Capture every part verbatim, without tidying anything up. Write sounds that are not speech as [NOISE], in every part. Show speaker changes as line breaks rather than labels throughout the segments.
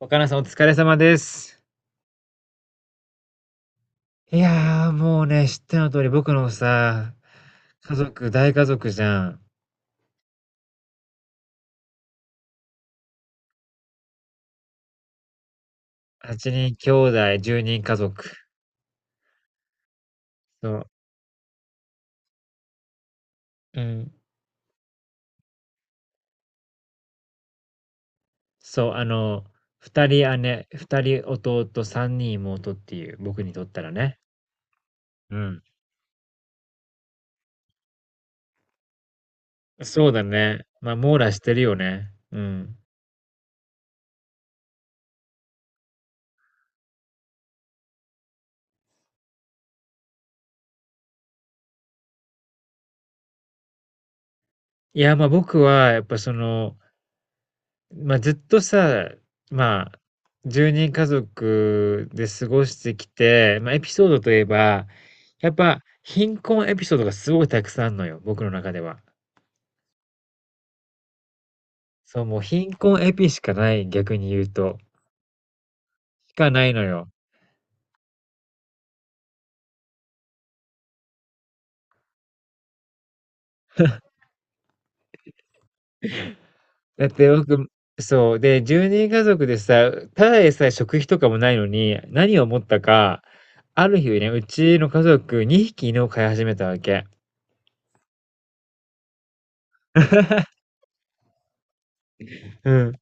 若菜さんお疲れ様です。いやー、もうね、知っての通り僕のさ、家族、大家族じゃん。はちにん兄弟、じゅうにん家族。そう。うん。そう、あの、ふたり姉、ふたり弟、さんにん妹っていう、僕にとったらね。うん。そうだね。まあ、網羅してるよね。うん。いや、まあ僕は、やっぱその、まあ、ずっとさ、まあ、ひとり家族で過ごしてきて、まあ、エピソードといえば、やっぱ、貧困エピソードがすごいたくさんあるのよ、僕の中では。そう、もう貧困エピしかない、逆に言うと。しかないのよ。だって僕、そう、で、ひとり家族でさ、ただでさえ食費とかもないのに、何を思ったか、ある日ね、うちの家族にひき犬を飼い始めたわけ。うん。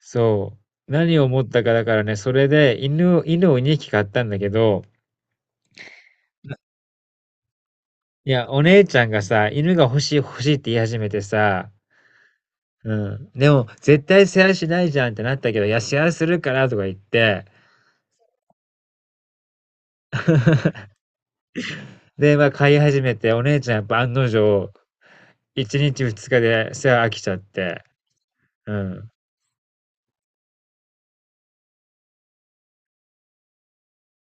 そう。何を思ったかだからね、それで犬を犬をにひき買ったんだけど、いや、お姉ちゃんがさ、犬が欲しい欲しいって言い始めてさ、うん。でも、絶対世話しないじゃんってなったけど、いや、世話するからとか言って、で、まあ、飼い始めて、お姉ちゃんやっぱ案の定、いちにちふつかで世話飽きちゃって、うん。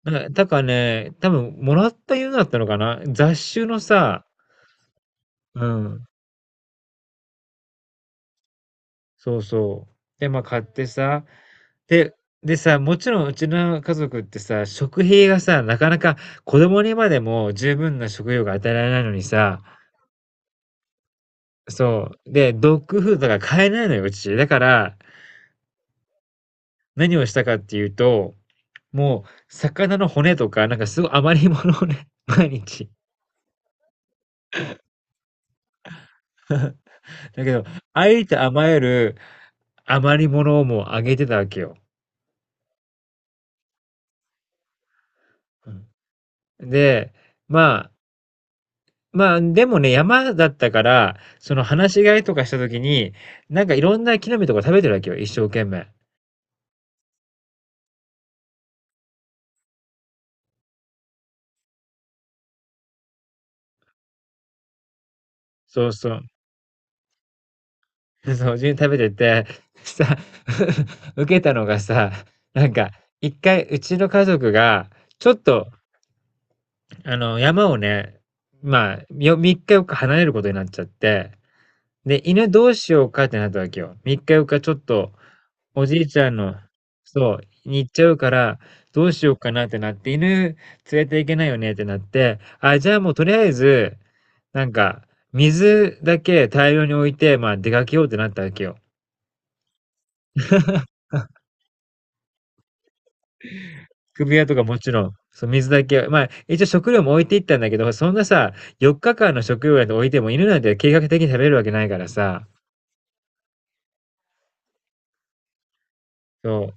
なんか、だからね、多分、もらった犬だったのかな、雑種のさ、うん。そうそう。で、ま、買ってさ、ででさ、もちろんうちの家族ってさ、食費がさ、なかなか子供にまでも十分な食料が与えられないのにさ、そう、で、ドッグフードが買えないのよ、うち。だから、何をしたかっていうと、もう魚の骨とか、なんかすごい余り物をね、[LAUGHS] 毎日。[LAUGHS] だけど、ありとあまゆる余り物をもうあげてたわけよ。うん。で、ままあ、でもね、山だったから、その放し飼いとかした時に、なんかいろんな木の実とか食べてるわけよ、一生懸命。そうそう。[LAUGHS] そう、自分に食べてて、さ、[LAUGHS] 受けたのがさ、なんか、一回うちの家族が、ちょっとあの、山をね、まあ、よ、みっかよっか離れることになっちゃって、で、犬どうしようかってなったわけよ。みっかよんかちょっと、おじいちゃんの、そう、に行っちゃうから、どうしようかなってなって、犬連れていけないよねってなって、あ、じゃあもうとりあえず、なんか、水だけ大量に置いて、まあ出かけようってなったわけよ。首輪とかもちろん、そう、水だけは、まあ、一応食料も置いていったんだけど、そんなさ、よっかかんの食料なんて置いても犬なんて計画的に食べるわけないからさ、そう。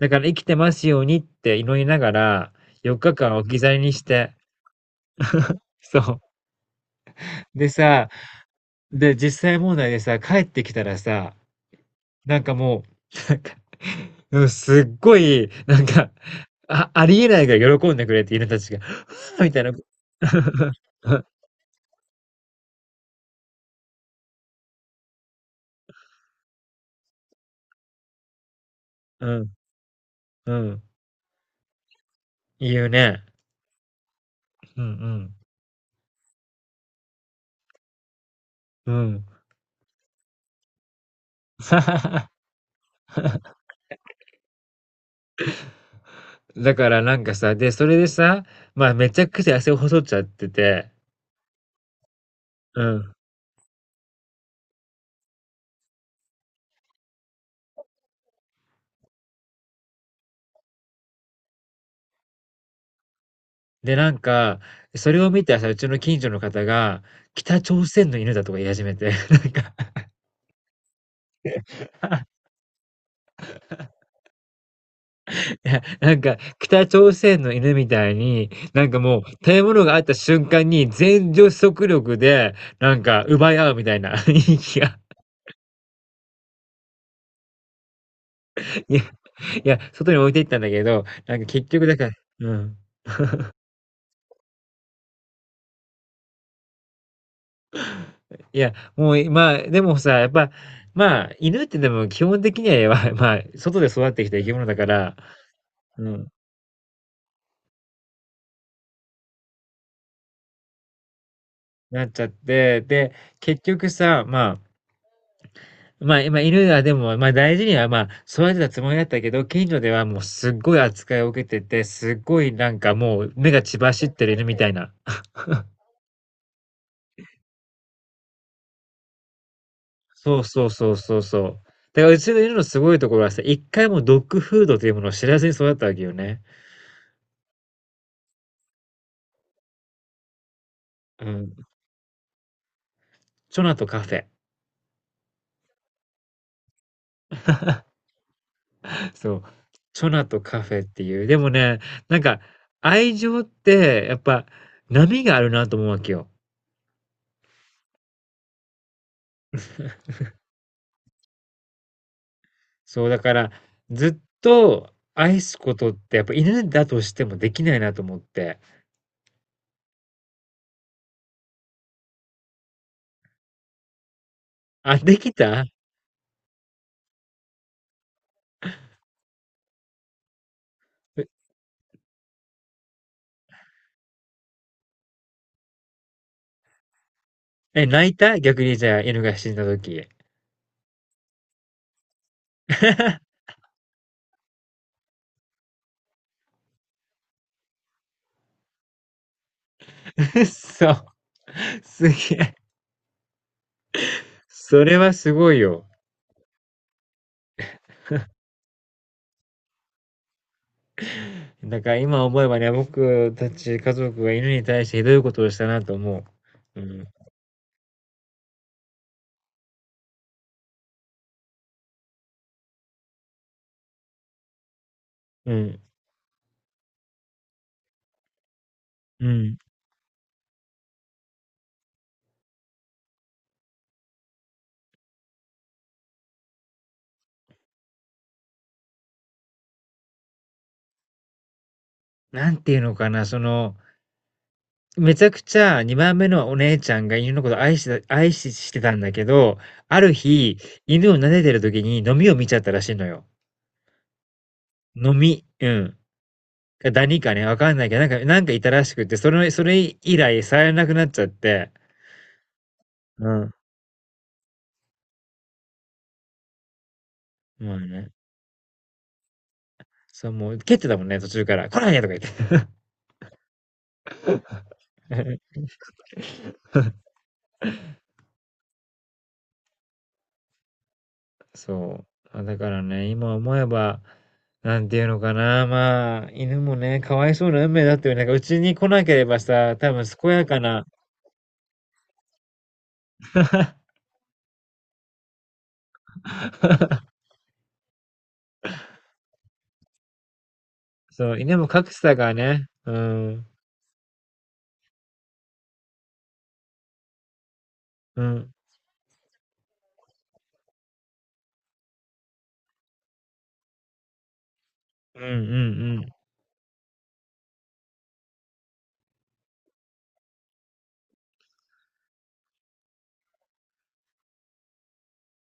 だから生きてますようにって祈りながら、よっかかん置き去りにして、そう。でさ、で、実際問題でさ、帰ってきたらさ、なんかもう、なんか、うん、すっごい、なんか、あ、ありえないぐらい喜んでくれて犬たちが、[LAUGHS] ふーみたいな。[LAUGHS] うん、うん、言うね。うんうん。うん。[LAUGHS] だからなんかさ、で、それでさ、まあめちゃくちゃ汗を細っちゃってて、うん。で、なんか、それを見たさ、うちの近所の方が、北朝鮮の犬だとか言い始めて、[LAUGHS] なんか、[LAUGHS] いや、なんか、北朝鮮の犬みたいに、なんかもう、食べ物があった瞬間に全女子力力で、なんか、奪い合うみたいな [LAUGHS] 雰囲気が。 [LAUGHS]。いや、いや、外に置いていったんだけど、なんか結局だから、うん。いや、もう、まあ、でもさ、やっぱ、まあ、犬ってでも基本的には、[LAUGHS] やばい、まあ、外で育ってきた生き物だから、うん、なっちゃって、で、結局さ、まあ、まあ、今犬はでも、まあ大事には、まあ、育てたつもりだったけど、近所ではもうすっごい扱いを受けてて、すっごいなんかもう目が血走ってる犬みたいな。そうそうそうそうそう。だからうちの犬のすごいところはさ、一回もドッグフードというものを知らずに育ったわけよね。うん。チョナとカフェ。そう、チョナとカフェっていう。でもね、なんか、愛情って、やっぱ、波があるなと思うわけよ。そう、だから、ずっと愛すことって、やっぱ犬だとしてもできないなと思って。あ、できた。え、泣いた逆にじゃあ、犬が死んだ時。[LAUGHS] そう、すげえ。それはすごいよ。だから今思えばね、僕たち家族が犬に対してひどいことをしたなと思う。うん。うん。うん。なんていうのかな、その、めちゃくちゃにばんめのお姉ちゃんが犬のこと愛してた愛ししてたんだけど、ある日、犬を撫でてる時にノミを見ちゃったらしいのよ。ノミ、うん。かダニかね、わかんないけど、なんかなんかいたらしくて、それそれ以来触れなくなっちゃって。うん。まあね。そう、もう蹴ってたもんね、途中から。来ないでとか言って。[LAUGHS] そう。あ、だからね、今思えば、なんていうのかな、まあ、犬もね、かわいそうな運命だったよね。なんかうちに来なければさ、多分健やかな、[LAUGHS] そう、犬も格差がね、うん、うん、うん、うん、うん、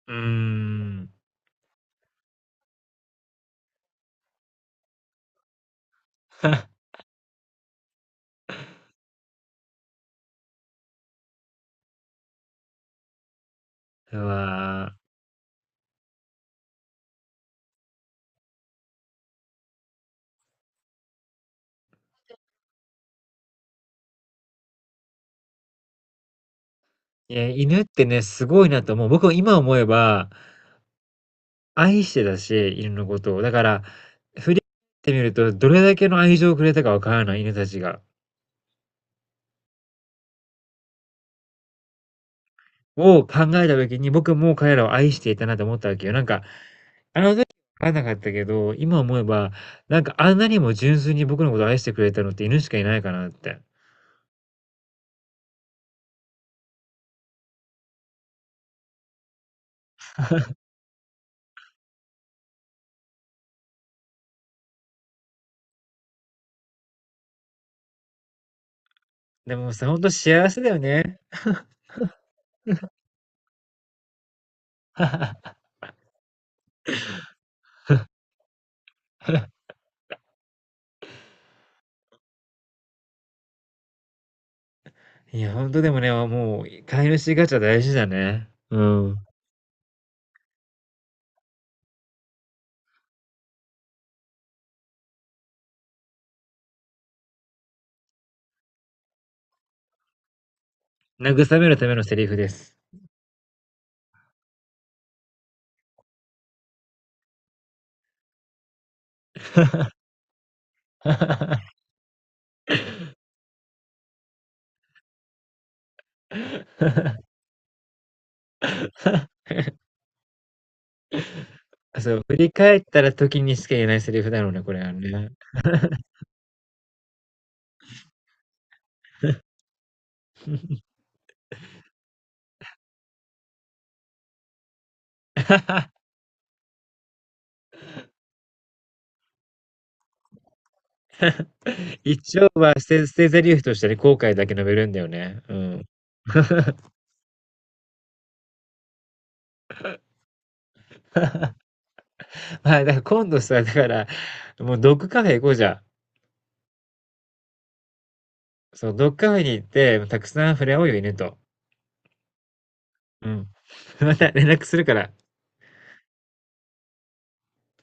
うーん。うわー。いや、犬ってね、すごいなと思う。僕も今思えば、愛してたし、犬のことを。だから、振り返ってみると、どれだけの愛情をくれたかわからない、犬たちが。を考えた時に、僕も彼らを愛していたなと思ったわけよ。なんか、あの時は分かんなかったけど、今思えば、なんかあんなにも純粋に僕のことを愛してくれたのって犬しかいないかなって。でもさ、ほんと幸せだよね。いや、ほんとでもね、もう飼い主ガチャ大事だね。うん。慰めるためのセリフです。[LAUGHS] そう、振り返ったら時にしか言えないセリフだろうね、これはね。[LAUGHS] 一応は捨て捨て台詞としてね、後悔だけ述べるんだよね。うん。はい、だから今度さ、だから、もうドッグカフェ行こうじゃん。そう、ドッグカフェに行って、たくさん触れ合おうよ、犬と。うん。[LAUGHS] また連絡するから。